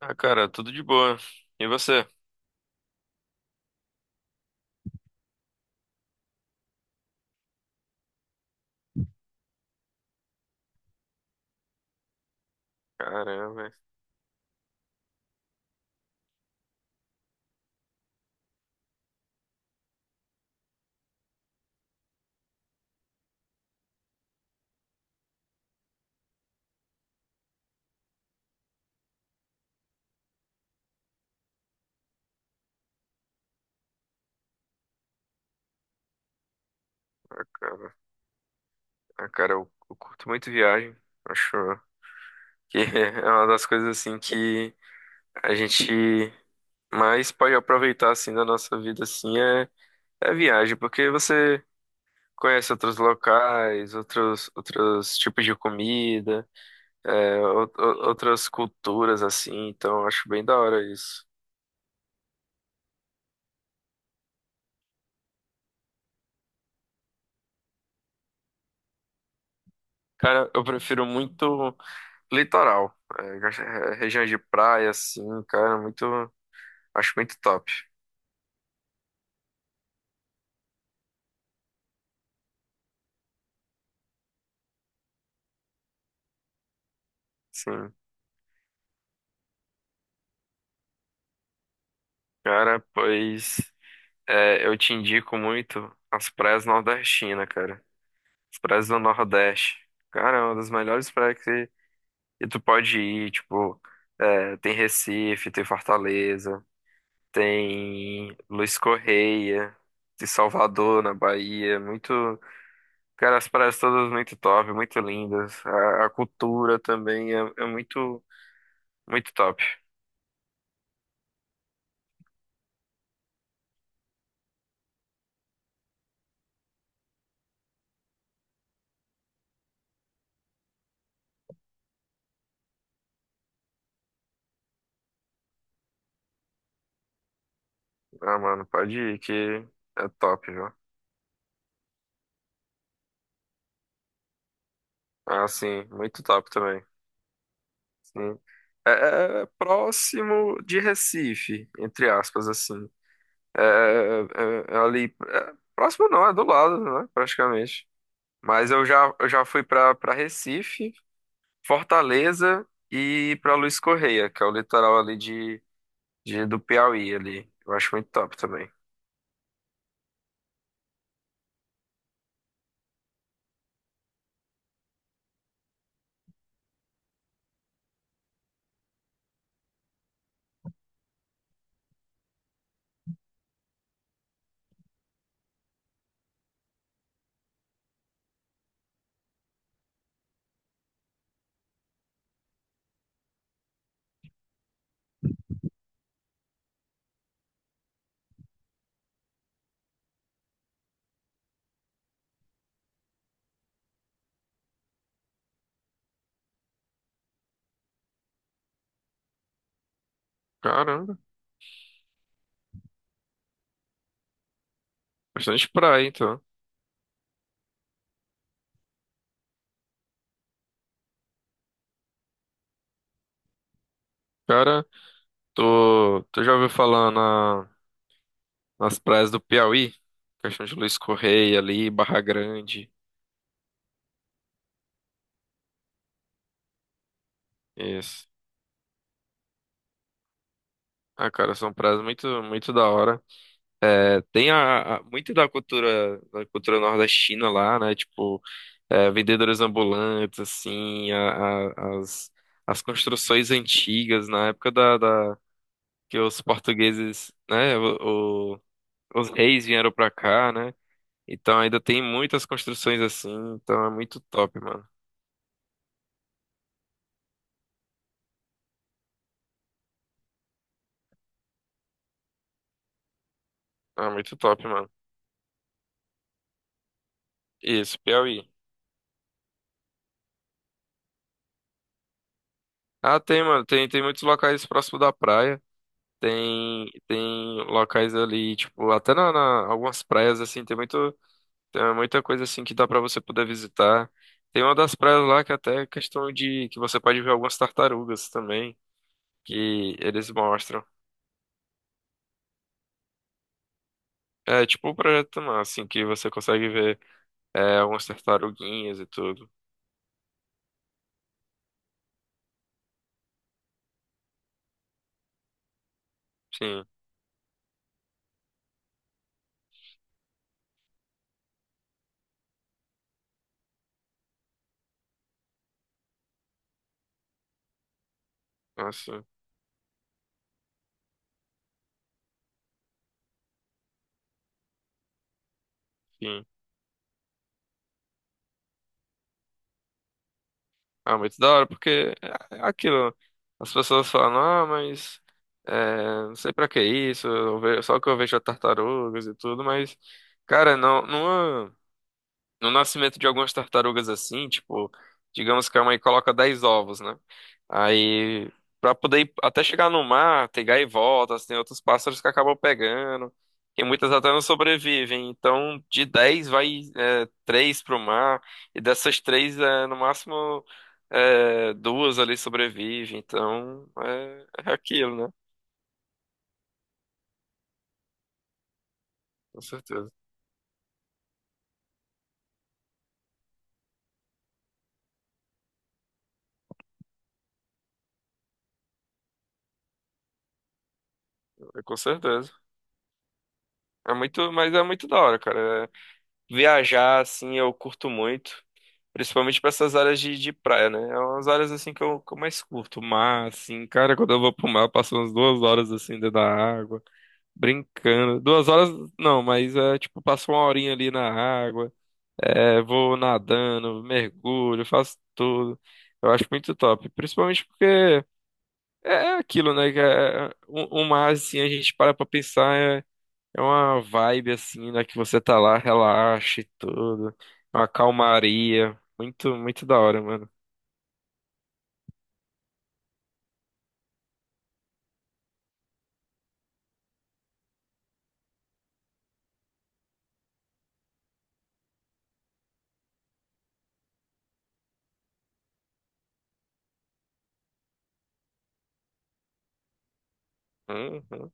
Ah, cara, tudo de boa. E você? Caramba, cara. Ah, cara, eu curto muito viagem. Acho que é uma das coisas assim que a gente mais pode aproveitar assim da nossa vida assim é viagem, porque você conhece outros locais, outros tipos de comida, outras culturas assim. Então, eu acho bem da hora isso. Cara, eu prefiro muito litoral, regiões de praia assim, cara, muito. Acho muito top. Sim. Cara, pois é, eu te indico muito as praias nordestinas, cara. As praias do Nordeste. Cara, é uma das melhores praias que tu pode ir. Tipo, tem Recife, tem Fortaleza, tem Luiz Correia, tem Salvador, na Bahia. Muito. Cara, as praias todas muito top, muito lindas. A cultura também é muito, muito top. Ah, mano, pode ir que é top, viu? Ah, sim, muito top também. Sim. É, é próximo de Recife, entre aspas, assim. É ali. É, próximo não, é do lado, né? Praticamente. Mas eu já fui pra para Recife, Fortaleza e pra Luiz Correia, que é o litoral ali do Piauí ali. Eu acho muito top também. Caramba, bastante praia, então. Cara, tu já ouviu falar na. Nas praias do Piauí, Caixão de Luiz Correia ali, Barra Grande. Isso. Ah, cara, são praias muito, muito da hora. É, tem muito da cultura nordestina lá, né? Tipo, vendedores ambulantes, assim, a- as, as construções antigas na época que os portugueses, né? os reis vieram pra cá, né? Então ainda tem muitas construções assim, então é muito top, mano. É muito top, mano. Isso, Piauí. Ah, tem, mano. Tem muitos locais próximo da praia. Tem locais ali, tipo, até algumas praias, assim, tem muita coisa, assim, que dá pra você poder visitar. Tem uma das praias lá que até é questão de que você pode ver algumas tartarugas também, que eles mostram. É, tipo, um projeto, mano, assim, que você consegue ver algumas tartaruguinhas e tudo. Sim, assim, sim. Ah, muito da hora, porque é aquilo. As pessoas falam, ah, mas é, não sei pra que isso, só que eu vejo tartarugas e tudo, mas, cara, não, não. No nascimento de algumas tartarugas assim, tipo, digamos que a mãe coloca 10 ovos, né? Aí, pra poder ir até chegar no mar, tem gaivotas, tem outros pássaros que acabam pegando, e muitas até não sobrevivem. Então, de 10 vai 3 pro mar, e dessas três, no máximo, duas ali sobrevivem. Então, é aquilo, né? Com certeza, com certeza. É muito, mas é muito da hora, cara. É, viajar, assim, eu curto muito. Principalmente para essas áreas de praia, né? É umas áreas assim que eu mais curto. O Mar, assim, cara, quando eu vou pro mar, eu passo umas 2 horas assim dentro da água, brincando. 2 horas não, mas é tipo, passo uma horinha ali na água, vou nadando, mergulho, faço tudo. Eu acho muito top. Principalmente porque é aquilo, né? Que é, o mar, assim, a gente para pra pensar, é uma vibe assim, né? Que você tá lá, relaxa e tudo. Uma calmaria. Muito, muito da hora, mano. Uhum,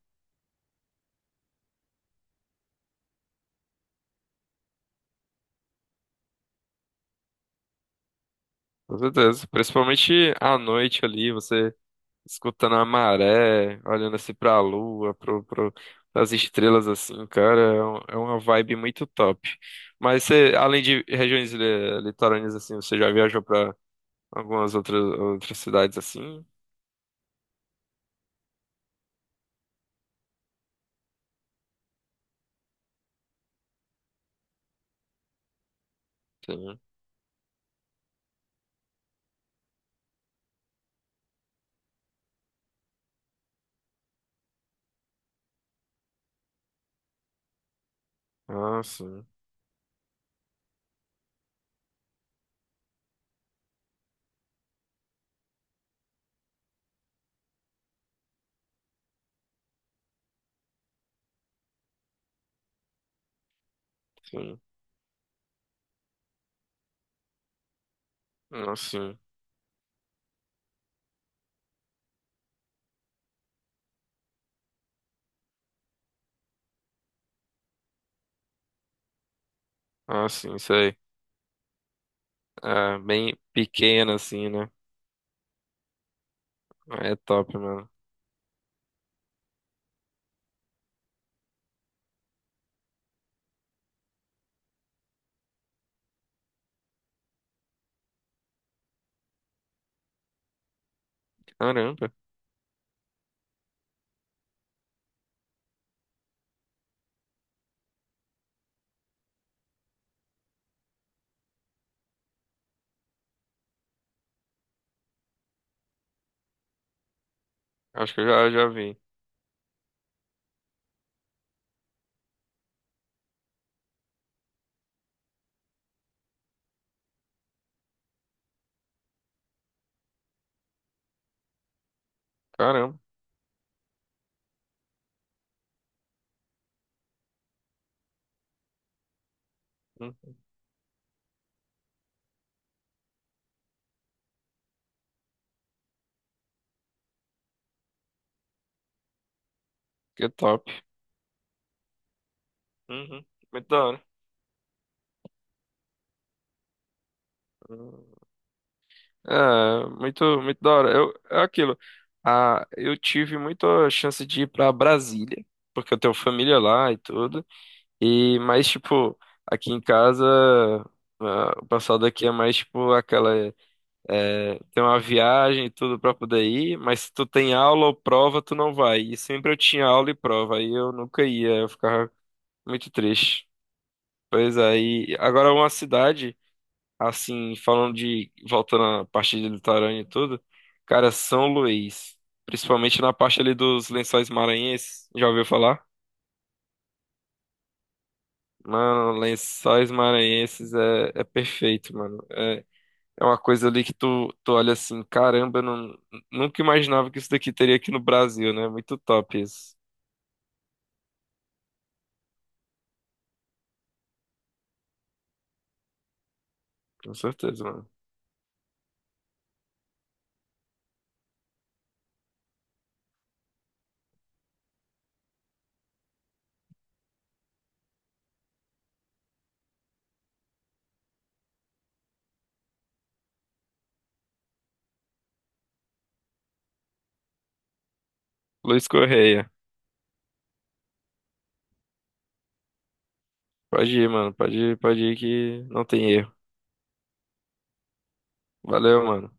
com certeza. Principalmente à noite ali, você escutando a maré, olhando assim pra lua, as estrelas assim, cara, é uma vibe muito top. Mas você, além de regiões litorâneas assim, você já viajou pra algumas outras cidades assim? Sim. Ah, sim, sim. Ah, sim. Ah, sim, isso aí. É, bem pequena assim, né? É top, mano. Caramba, acho que eu já vi. Caramba. Hum. Que top. Uhum. Muito da hora. Uhum. É, muito, muito da hora. É aquilo. Ah, eu tive muita chance de ir pra Brasília, porque eu tenho família lá e tudo. E, mas, tipo, aqui em casa, ah, o pessoal daqui é mais, tipo, aquela. É, tem uma viagem e tudo pra poder ir, mas se tu tem aula ou prova, tu não vai. E sempre eu tinha aula e prova, aí eu nunca ia, eu ficava muito triste. Pois aí, agora uma cidade. Assim, voltando à parte de litorânea e tudo, cara, São Luís, principalmente na parte ali dos Lençóis Maranhenses, já ouviu falar? Mano, Lençóis Maranhenses é perfeito, mano. É uma coisa ali que tu olha assim, caramba, eu não, nunca imaginava que isso daqui teria aqui no Brasil, né? Muito top isso, com certeza, mano. Luiz Correia, pode ir, mano, pode ir que não tem erro. Valeu, mano.